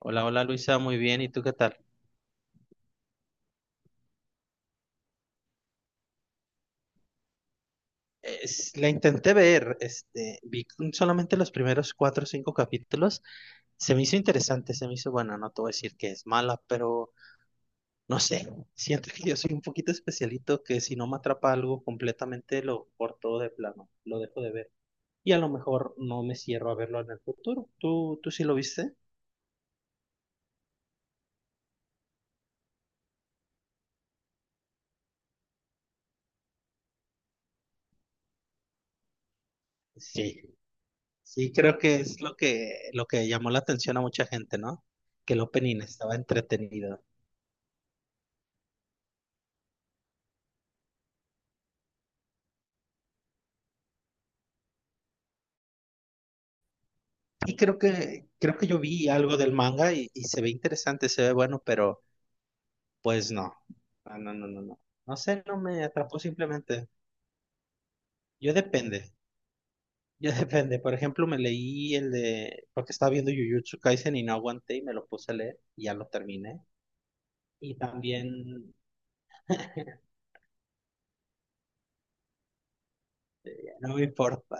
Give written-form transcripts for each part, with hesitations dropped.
Hola, hola Luisa, muy bien. ¿Y tú qué tal? La intenté ver, vi solamente los primeros cuatro o cinco capítulos. Se me hizo interesante, se me hizo buena. No te voy a decir que es mala, pero no sé. Siento que yo soy un poquito especialito que si no me atrapa algo completamente lo corto de plano, lo dejo de ver. Y a lo mejor no me cierro a verlo en el futuro. ¿Tú sí lo viste? Sí, sí, creo que es lo que, llamó la atención a mucha gente, ¿no? Que el opening estaba entretenido. Y creo que yo vi algo del manga y se ve interesante, se ve bueno, pero pues no. Ah, no, no, no, no. No sé, no me atrapó simplemente. Yo depende, yo depende. Por ejemplo, me leí el de, porque estaba viendo Jujutsu Kaisen y no aguanté y me lo puse a leer y ya lo terminé. Y también no me importa.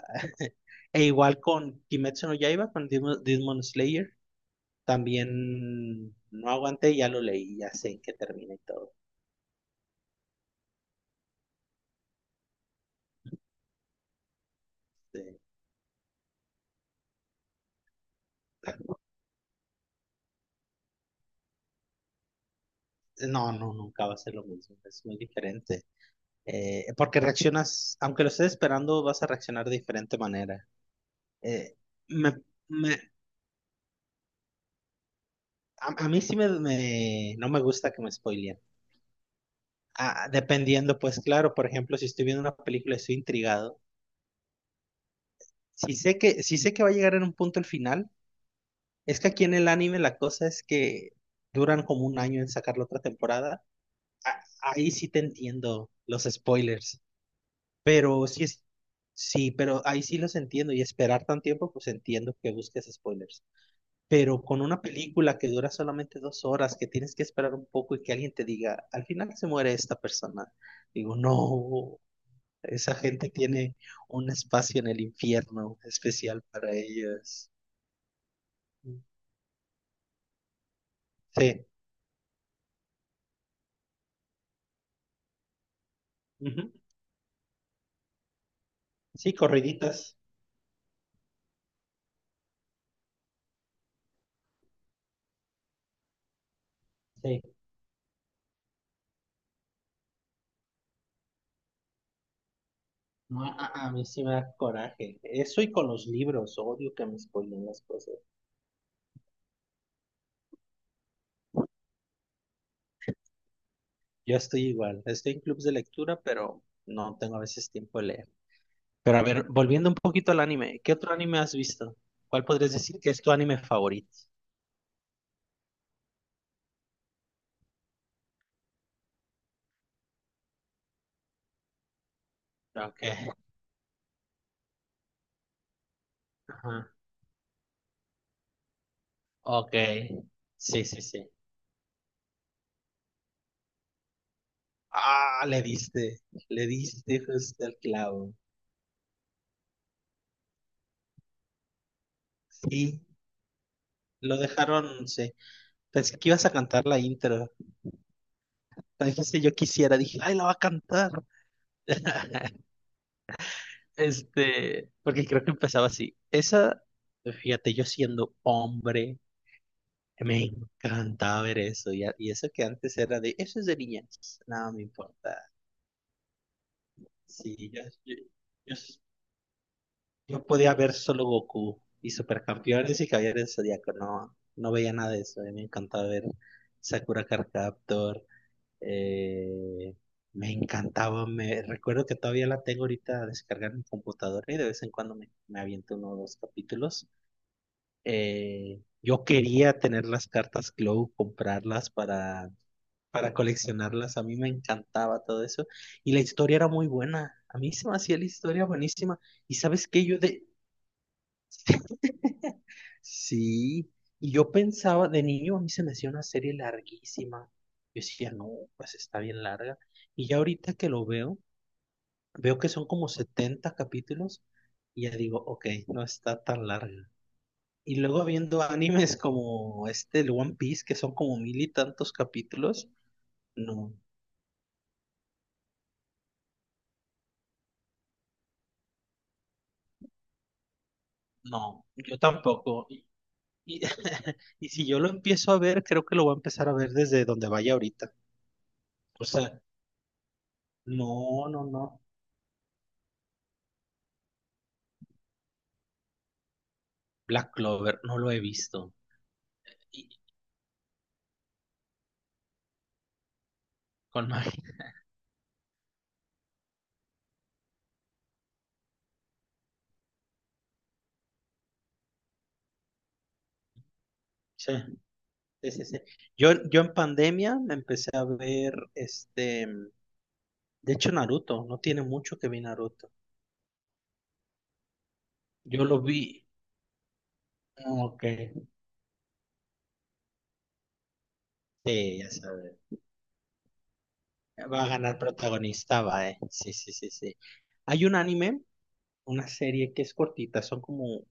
E igual con Kimetsu no Yaiba, con Demon Slayer, también no aguanté y ya lo leí, ya sé en qué termina y todo. Sí. No, no, nunca va a ser lo mismo, es muy diferente. Porque reaccionas, aunque lo estés esperando, vas a reaccionar de diferente manera. Eh, me, me- a mí sí no me gusta que me spoileen. Dependiendo, pues claro, por ejemplo, si estoy viendo una película y estoy intrigado, si sé que va a llegar en un punto el final, es que aquí en el anime la cosa es que duran como un año en sacar la otra temporada, ahí sí te entiendo los spoilers. Pero sí es, sí, pero ahí sí los entiendo y esperar tan tiempo, pues entiendo que busques spoilers. Pero con una película que dura solamente 2 horas, que tienes que esperar un poco y que alguien te diga, al final se muere esta persona. Digo, no, esa gente tiene un espacio en el infierno especial para ellos. Sí, ujú. Sí, corriditas. Sí. No, a mí sí me da coraje. Eso y con los libros, odio que me spoilen las cosas. Yo estoy igual, estoy en clubs de lectura, pero no tengo a veces tiempo de leer. Pero a ver, volviendo un poquito al anime, ¿qué otro anime has visto? ¿Cuál podrías decir que es tu anime favorito? Ok, ajá, ok, sí, sí, sí. Ah, le diste justo al clavo. Sí, lo dejaron, sí. Pensé que ibas a cantar la intro. Dijiste yo quisiera, dije, ay, la va a cantar. Porque creo que empezaba así. Esa, fíjate, yo siendo hombre. Me encantaba ver eso. Y eso que antes era eso es de niñas. Nada me importa. Sí, yo- yo podía ver solo Goku y Supercampeones y Caballeros del Zodíaco. No, no veía nada de eso. A mí me encantaba ver Sakura Card Captor. eh, me encantaba. Me recuerdo que todavía la tengo ahorita descargada en mi computadora y de vez en cuando me aviento uno o dos capítulos. Yo quería tener las cartas Glow, comprarlas para coleccionarlas. A mí me encantaba todo eso. Y la historia era muy buena. A mí se me hacía la historia buenísima. Y sabes qué. Sí, y yo pensaba, de niño a mí se me hacía una serie larguísima. Yo decía, no, pues está bien larga. Y ya ahorita que lo veo, veo que son como 70 capítulos y ya digo, ok, no está tan larga. Y luego viendo animes como este, el One Piece, que son como 1.000 y tantos capítulos, no, no, yo tampoco. Y, y si yo lo empiezo a ver, creo que lo voy a empezar a ver desde donde vaya ahorita. O sea, no, no, no. Black Clover, no lo he visto. Y con Mari. Sí, sí, sí, sí. Yo en pandemia me empecé a ver. De hecho, Naruto. No tiene mucho que vi Naruto. Yo lo vi. Ok. Sí, ya sabes. Va a ganar protagonista. Sí, sí, sí, sí. Hay un anime una serie que es cortita, son como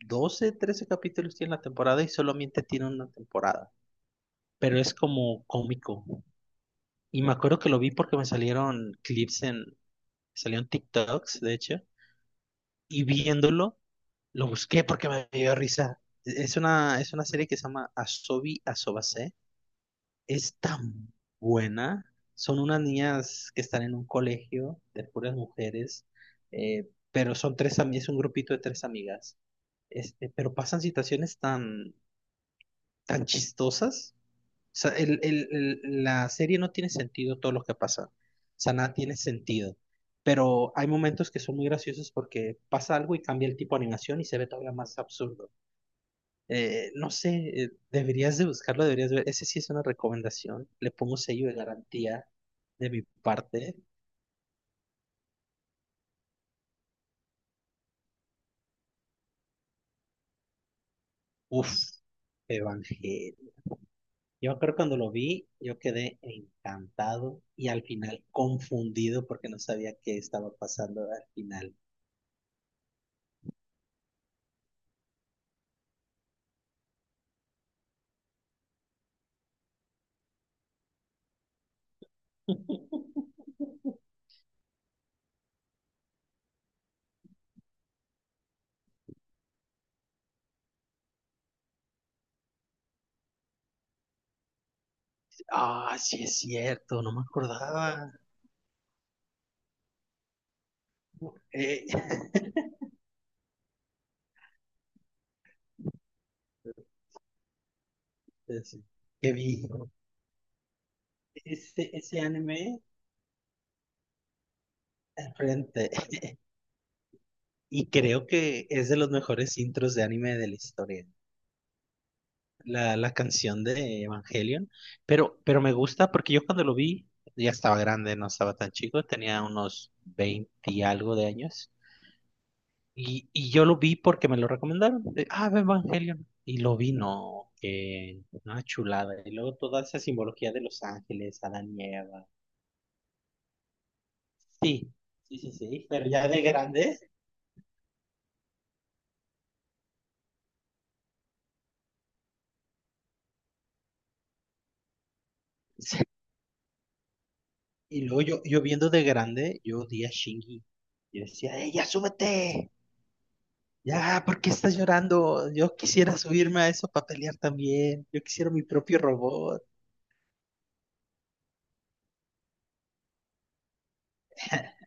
12 13 capítulos tiene la temporada y solamente tiene una temporada, pero es como cómico. Y me acuerdo que lo vi porque me salieron salieron TikToks, de hecho, y viéndolo, lo busqué porque me dio risa. Es una serie que se llama Asobi Asobase. Es tan buena. Son unas niñas que están en un colegio de puras mujeres, pero son tres amigas, es un grupito de tres amigas. Pero pasan situaciones tan, tan chistosas. O sea, La serie no tiene sentido todo lo que pasa. O sea, nada tiene sentido. Pero hay momentos que son muy graciosos porque pasa algo y cambia el tipo de animación y se ve todavía más absurdo. No sé, deberías de buscarlo, deberías de ver. Ese sí es una recomendación. Le pongo sello de garantía de mi parte. Uf, Evangelio. Yo creo que cuando lo vi, yo quedé encantado y al final confundido porque no sabía qué estaba pasando al final. Ah, sí es cierto, no me acordaba. Eh, es- que vi ese anime al frente. Y creo que es de los mejores intros de anime de la historia. La canción de Evangelion. Pero me gusta porque yo cuando lo vi ya estaba grande, no estaba tan chico, tenía unos 20 y algo de años. Y yo lo vi porque me lo recomendaron. De, ah, ve Evangelion. Y lo vi, no, que una chulada. Y luego toda esa simbología de Los Ángeles, Adán y Eva. Sí, sí, sí, sí, pero ya de grande. Sí. Y luego yo, viendo de grande, yo odié a Shinji. Yo decía, ¡eh, ya súbete! Ya, ¿por qué estás llorando? Yo quisiera subirme a eso para pelear también. Yo quisiera mi propio robot.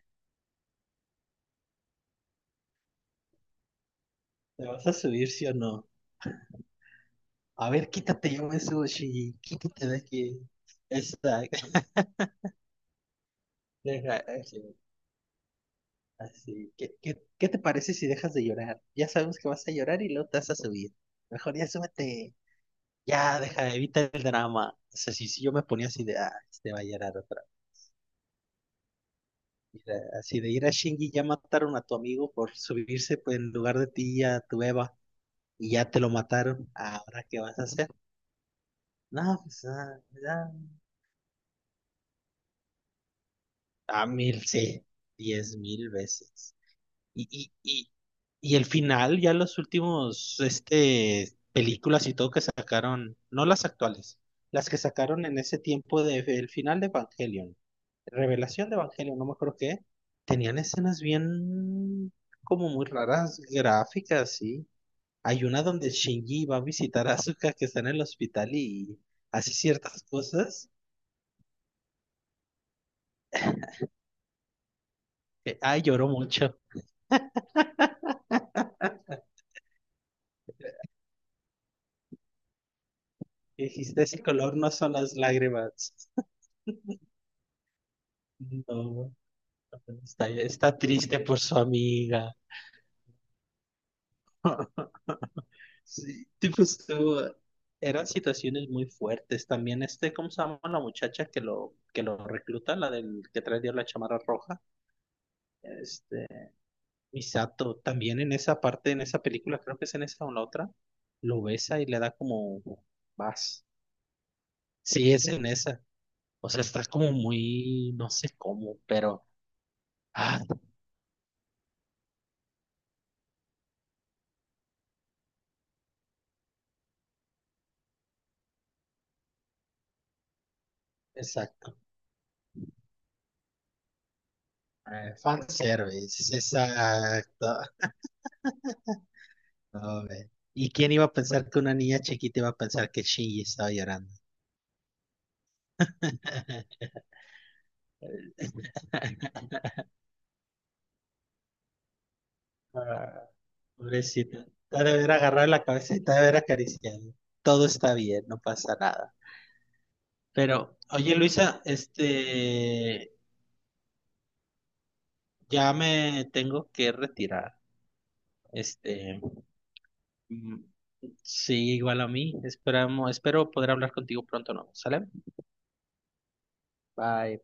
¿Te vas a subir, sí o no? A ver, quítate, yo me subo, Shinji. Quítate de aquí. Exacto. Deja, así, así. ¿Qué te parece si dejas de llorar? Ya sabemos que vas a llorar y luego te vas a subir. Mejor ya súbete. Ya, deja, evita el drama. O sea, si yo me ponía así de, ah, este va a llorar otra vez. Mira, así de ir a Shinji, ya mataron a tu amigo por subirse pues, en lugar de ti a tu Eva y ya te lo mataron. ¿Ahora qué vas a hacer? No, pues, ah, ya. A mil, sí. 10.000 veces. Y, y, y, y el final, ya los últimos, películas y todo que sacaron, no las actuales, las que sacaron en ese tiempo de, el final de Evangelion, Revelación de Evangelion, no me acuerdo qué, tenían escenas bien, como muy raras, gráficas, sí. Hay una donde Shinji va a visitar a Asuka que está en el hospital y hace ciertas cosas. Que, ay, lloró mucho. Y dijiste, ese color no son las lágrimas. No. Está, está triste por su amiga. Sí, tipo, eran situaciones muy fuertes. También, ¿cómo se llama la muchacha que lo, recluta? La del que trae la chamarra roja. Este, Misato, también en esa parte, en esa película, creo que es en esa o en la otra, lo besa y le da como vas. Sí, es en esa. O sea, está como muy, no sé cómo, pero. Ah, exacto. Fanservice, exacto. No, ve. ¿Y quién iba a pensar que una niña chiquita iba a pensar que Shinji estaba llorando? Ah, pobrecita. Te ha de haber agarrado la cabeza y te ha de haber acariciado. Todo está bien, no pasa nada. Pero, oye, Luisa, ya me tengo que retirar. Este, mm, sí, igual a mí. Espero poder hablar contigo pronto, ¿no? ¿Sale? Bye.